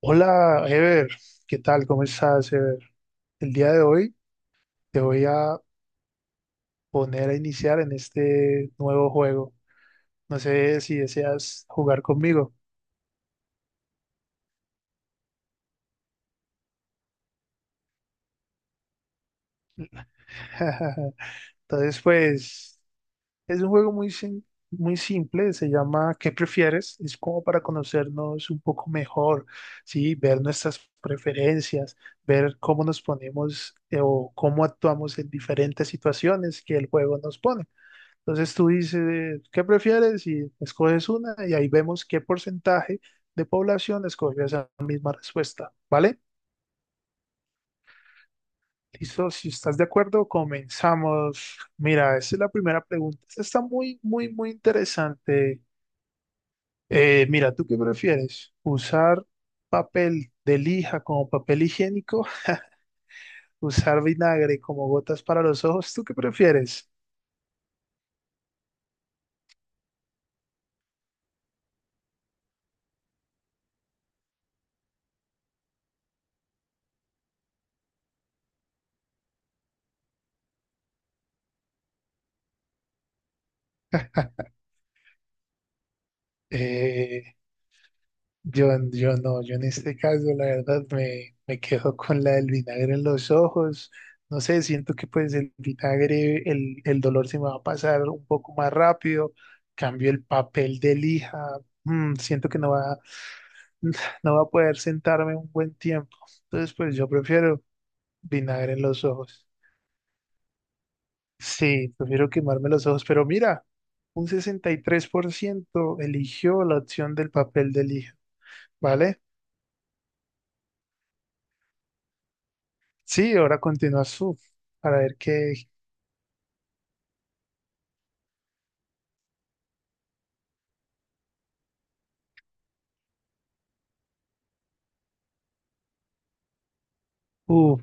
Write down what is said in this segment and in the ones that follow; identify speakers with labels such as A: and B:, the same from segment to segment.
A: Hola, Ever, ¿qué tal? ¿Cómo estás, Ever? El día de hoy te voy a poner a iniciar en este nuevo juego. No sé si deseas jugar conmigo. Entonces, pues, es un juego muy simple, se llama ¿Qué prefieres? Es como para conocernos un poco mejor, ¿sí? Ver nuestras preferencias, ver cómo nos ponemos o cómo actuamos en diferentes situaciones que el juego nos pone. Entonces tú dices, ¿qué prefieres? Y escoges una y ahí vemos qué porcentaje de población escogió esa misma respuesta, ¿vale? Listo, si estás de acuerdo, comenzamos. Mira, esa es la primera pregunta. Esta está muy, muy, muy interesante. Mira, ¿tú qué prefieres? ¿Usar papel de lija como papel higiénico? ¿Usar vinagre como gotas para los ojos? ¿Tú qué prefieres? Eh, Yo, yo no, yo en este caso la verdad me quedo con la del vinagre en los ojos. No sé, siento que pues el vinagre, el dolor se me va a pasar un poco más rápido. Cambio el papel de lija. Siento que no va a poder sentarme un buen tiempo. Entonces pues yo prefiero vinagre en los ojos. Sí, prefiero quemarme los ojos. Pero mira, un 63% eligió la opción del papel de lija, ¿vale? Sí, ahora continúa para ver qué. Uf,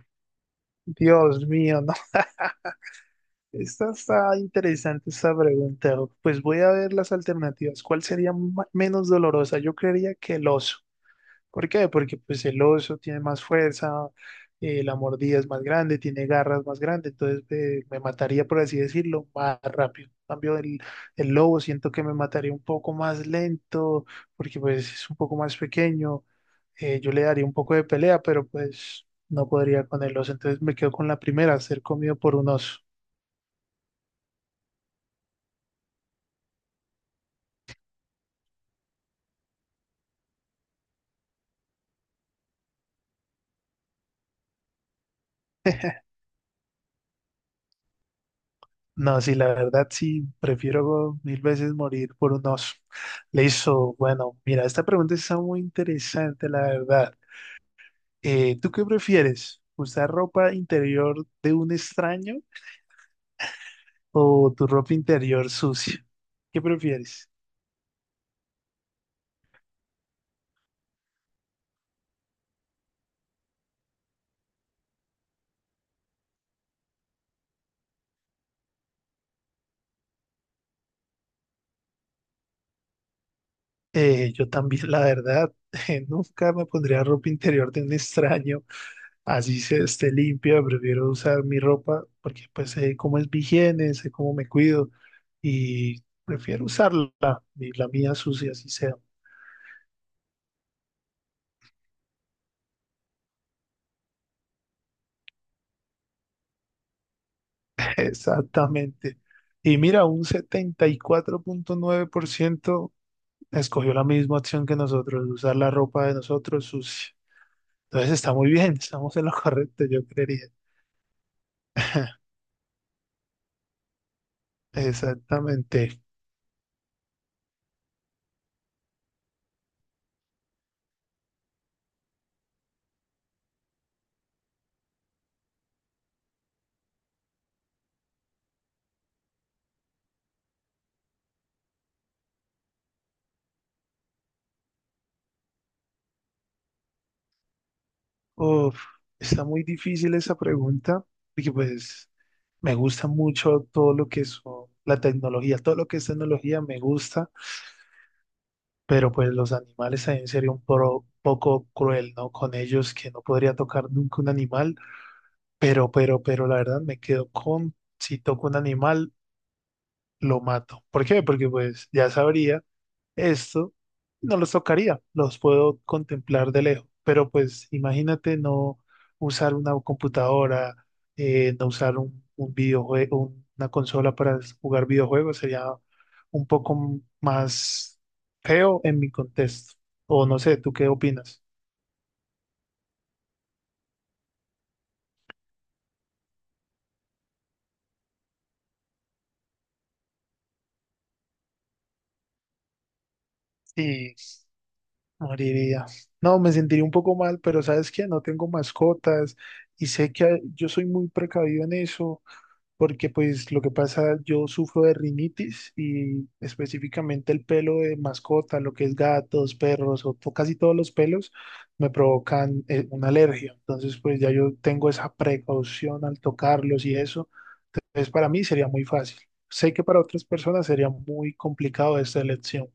A: Dios mío, no. Esta está interesante esta pregunta. Pues voy a ver las alternativas. ¿Cuál sería menos dolorosa? Yo creería que el oso. ¿Por qué? Porque pues el oso tiene más fuerza, la mordida es más grande, tiene garras más grandes, entonces me mataría, por así decirlo, más rápido. En cambio, el lobo siento que me mataría un poco más lento, porque pues es un poco más pequeño. Yo le daría un poco de pelea, pero pues no podría con el oso. Entonces me quedo con la primera, ser comido por un oso. No, sí, la verdad sí, prefiero mil veces morir por un oso. Bueno, mira, esta pregunta está muy interesante, la verdad. ¿Tú qué prefieres? ¿Usar ropa interior de un extraño o tu ropa interior sucia? ¿Qué prefieres? Yo también, la verdad, nunca me pondría ropa interior de un extraño. Así se esté limpia, prefiero usar mi ropa porque pues sé cómo es mi higiene, sé cómo me cuido y prefiero usarla, y la mía sucia, así sea. Exactamente. Y mira, un 74,9% escogió la misma opción que nosotros, usar la ropa de nosotros sucia. Entonces está muy bien, estamos en lo correcto, yo creería. Exactamente. Uf, está muy difícil esa pregunta, porque pues me gusta mucho todo lo que es la tecnología, todo lo que es tecnología me gusta, pero pues los animales también sería un poco cruel, ¿no? Con ellos que no podría tocar nunca un animal, pero la verdad me quedo con, si toco un animal, lo mato. ¿Por qué? Porque pues ya sabría. Esto no los tocaría, los puedo contemplar de lejos, pero pues imagínate no usar una computadora, no usar un videojuego, una consola para jugar videojuegos, sería un poco más feo en mi contexto. O no sé, ¿tú qué opinas? Y moriría. No, me sentiría un poco mal, pero ¿sabes qué? No tengo mascotas y sé que yo soy muy precavido en eso porque pues lo que pasa, yo sufro de rinitis y específicamente el pelo de mascota, lo que es gatos, perros o casi todos los pelos me provocan una alergia. Entonces pues ya yo tengo esa precaución al tocarlos y eso. Entonces para mí sería muy fácil. Sé que para otras personas sería muy complicado esta elección.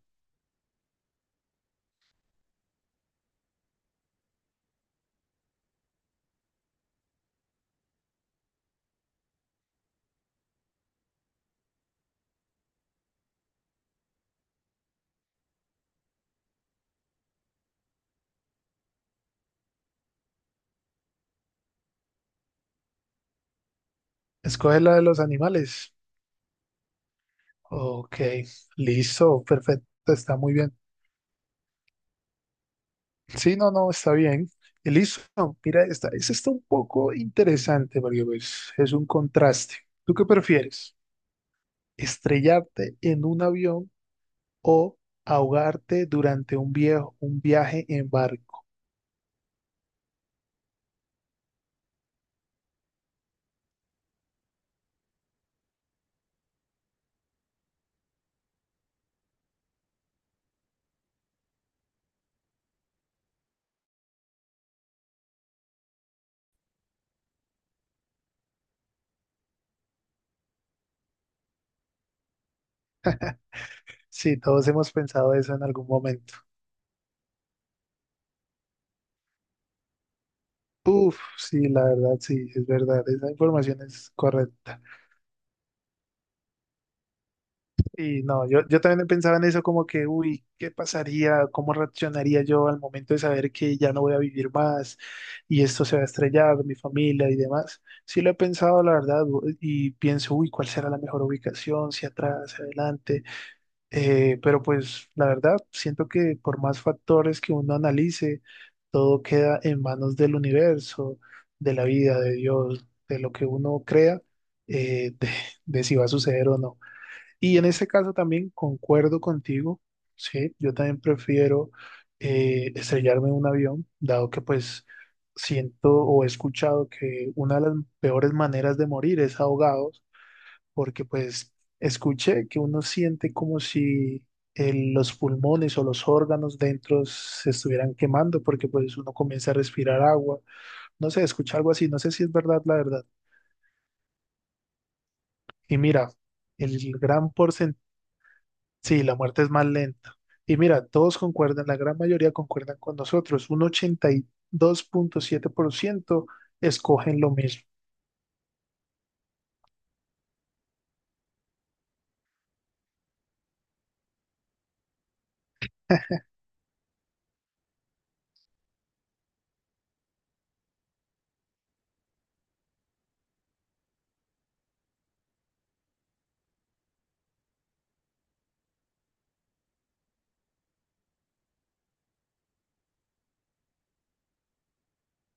A: Escoge la de los animales. Ok, listo, perfecto, está muy bien. Sí, no, no, está bien. Y listo, mira esta. Esta está un poco interesante porque pues, es un contraste. ¿Tú qué prefieres? ¿Estrellarte en un avión o ahogarte durante un viaje en barco? Sí, todos hemos pensado eso en algún momento. Uf, sí, la verdad, sí, es verdad. Esa información es correcta. Sí, no, yo también pensaba en eso como que, uy, ¿qué pasaría? ¿Cómo reaccionaría yo al momento de saber que ya no voy a vivir más y esto se va a estrellar, mi familia y demás? Sí lo he pensado, la verdad, y pienso, uy, ¿cuál será la mejor ubicación? Si atrás, hacia adelante. Pero pues la verdad, siento que por más factores que uno analice, todo queda en manos del universo, de la vida, de Dios, de lo que uno crea, eh, de de si va a suceder o no. Y en ese caso también concuerdo contigo, sí, yo también prefiero estrellarme en un avión, dado que pues siento o he escuchado que una de las peores maneras de morir es ahogados, porque pues escuché que uno siente como si los pulmones o los órganos dentro se estuvieran quemando, porque pues uno comienza a respirar agua, no sé, escuché algo así, no sé si es verdad la verdad. Y mira, el gran porcentaje. Sí, la muerte es más lenta. Y mira, todos concuerdan, la gran mayoría concuerdan con nosotros. Un 82,7% escogen lo mismo.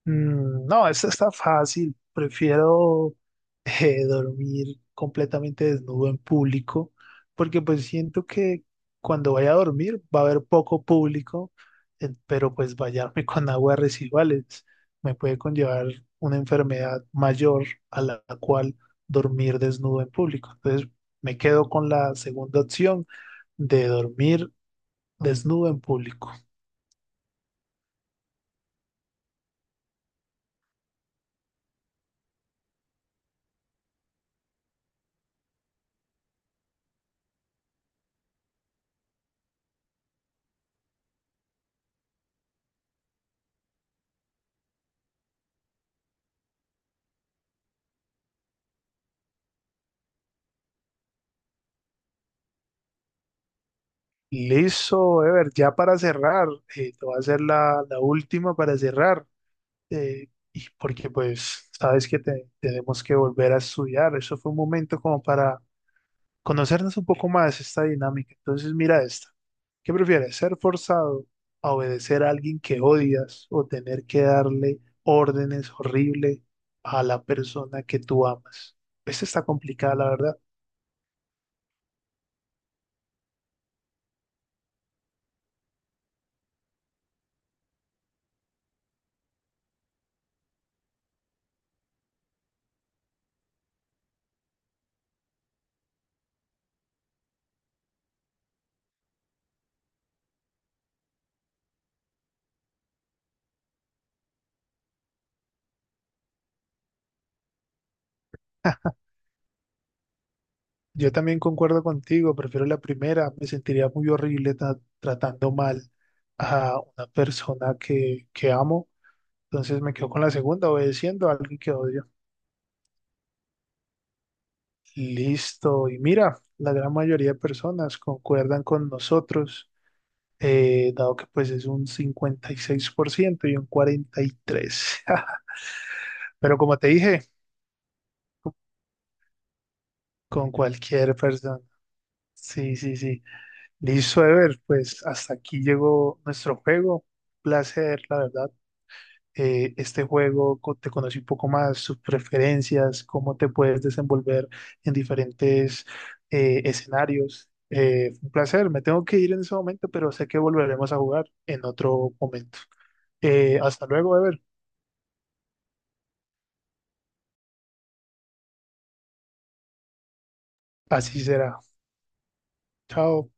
A: Mm, no, esta está fácil. Prefiero dormir completamente desnudo en público, porque pues siento que cuando vaya a dormir va a haber poco público, pero pues bañarme con aguas residuales me puede conllevar una enfermedad mayor a la cual dormir desnudo en público. Entonces me quedo con la segunda opción de dormir desnudo en público. Listo, Ever, ya para cerrar, te voy a hacer la última para cerrar, y porque pues sabes que tenemos que volver a estudiar, eso fue un momento como para conocernos un poco más esta dinámica. Entonces mira esta, ¿qué prefieres? ¿Ser forzado a obedecer a alguien que odias o tener que darle órdenes horribles a la persona que tú amas? Esta está complicada, la verdad. Yo también concuerdo contigo, prefiero la primera, me sentiría muy horrible tratando mal a una persona que amo, entonces me quedo con la segunda, obedeciendo a alguien que odio. Listo, y mira, la gran mayoría de personas concuerdan con nosotros, dado que pues es un 56% y seis por ciento y un 43%, pero como te dije, con cualquier persona. Sí, sí, sí. Listo, Ever, pues hasta aquí llegó nuestro juego placer, la verdad, este juego, te conocí un poco más, sus preferencias, cómo te puedes desenvolver en diferentes escenarios. Un placer, me tengo que ir en ese momento, pero sé que volveremos a jugar en otro momento. Hasta luego, Ever. Así será. Chao.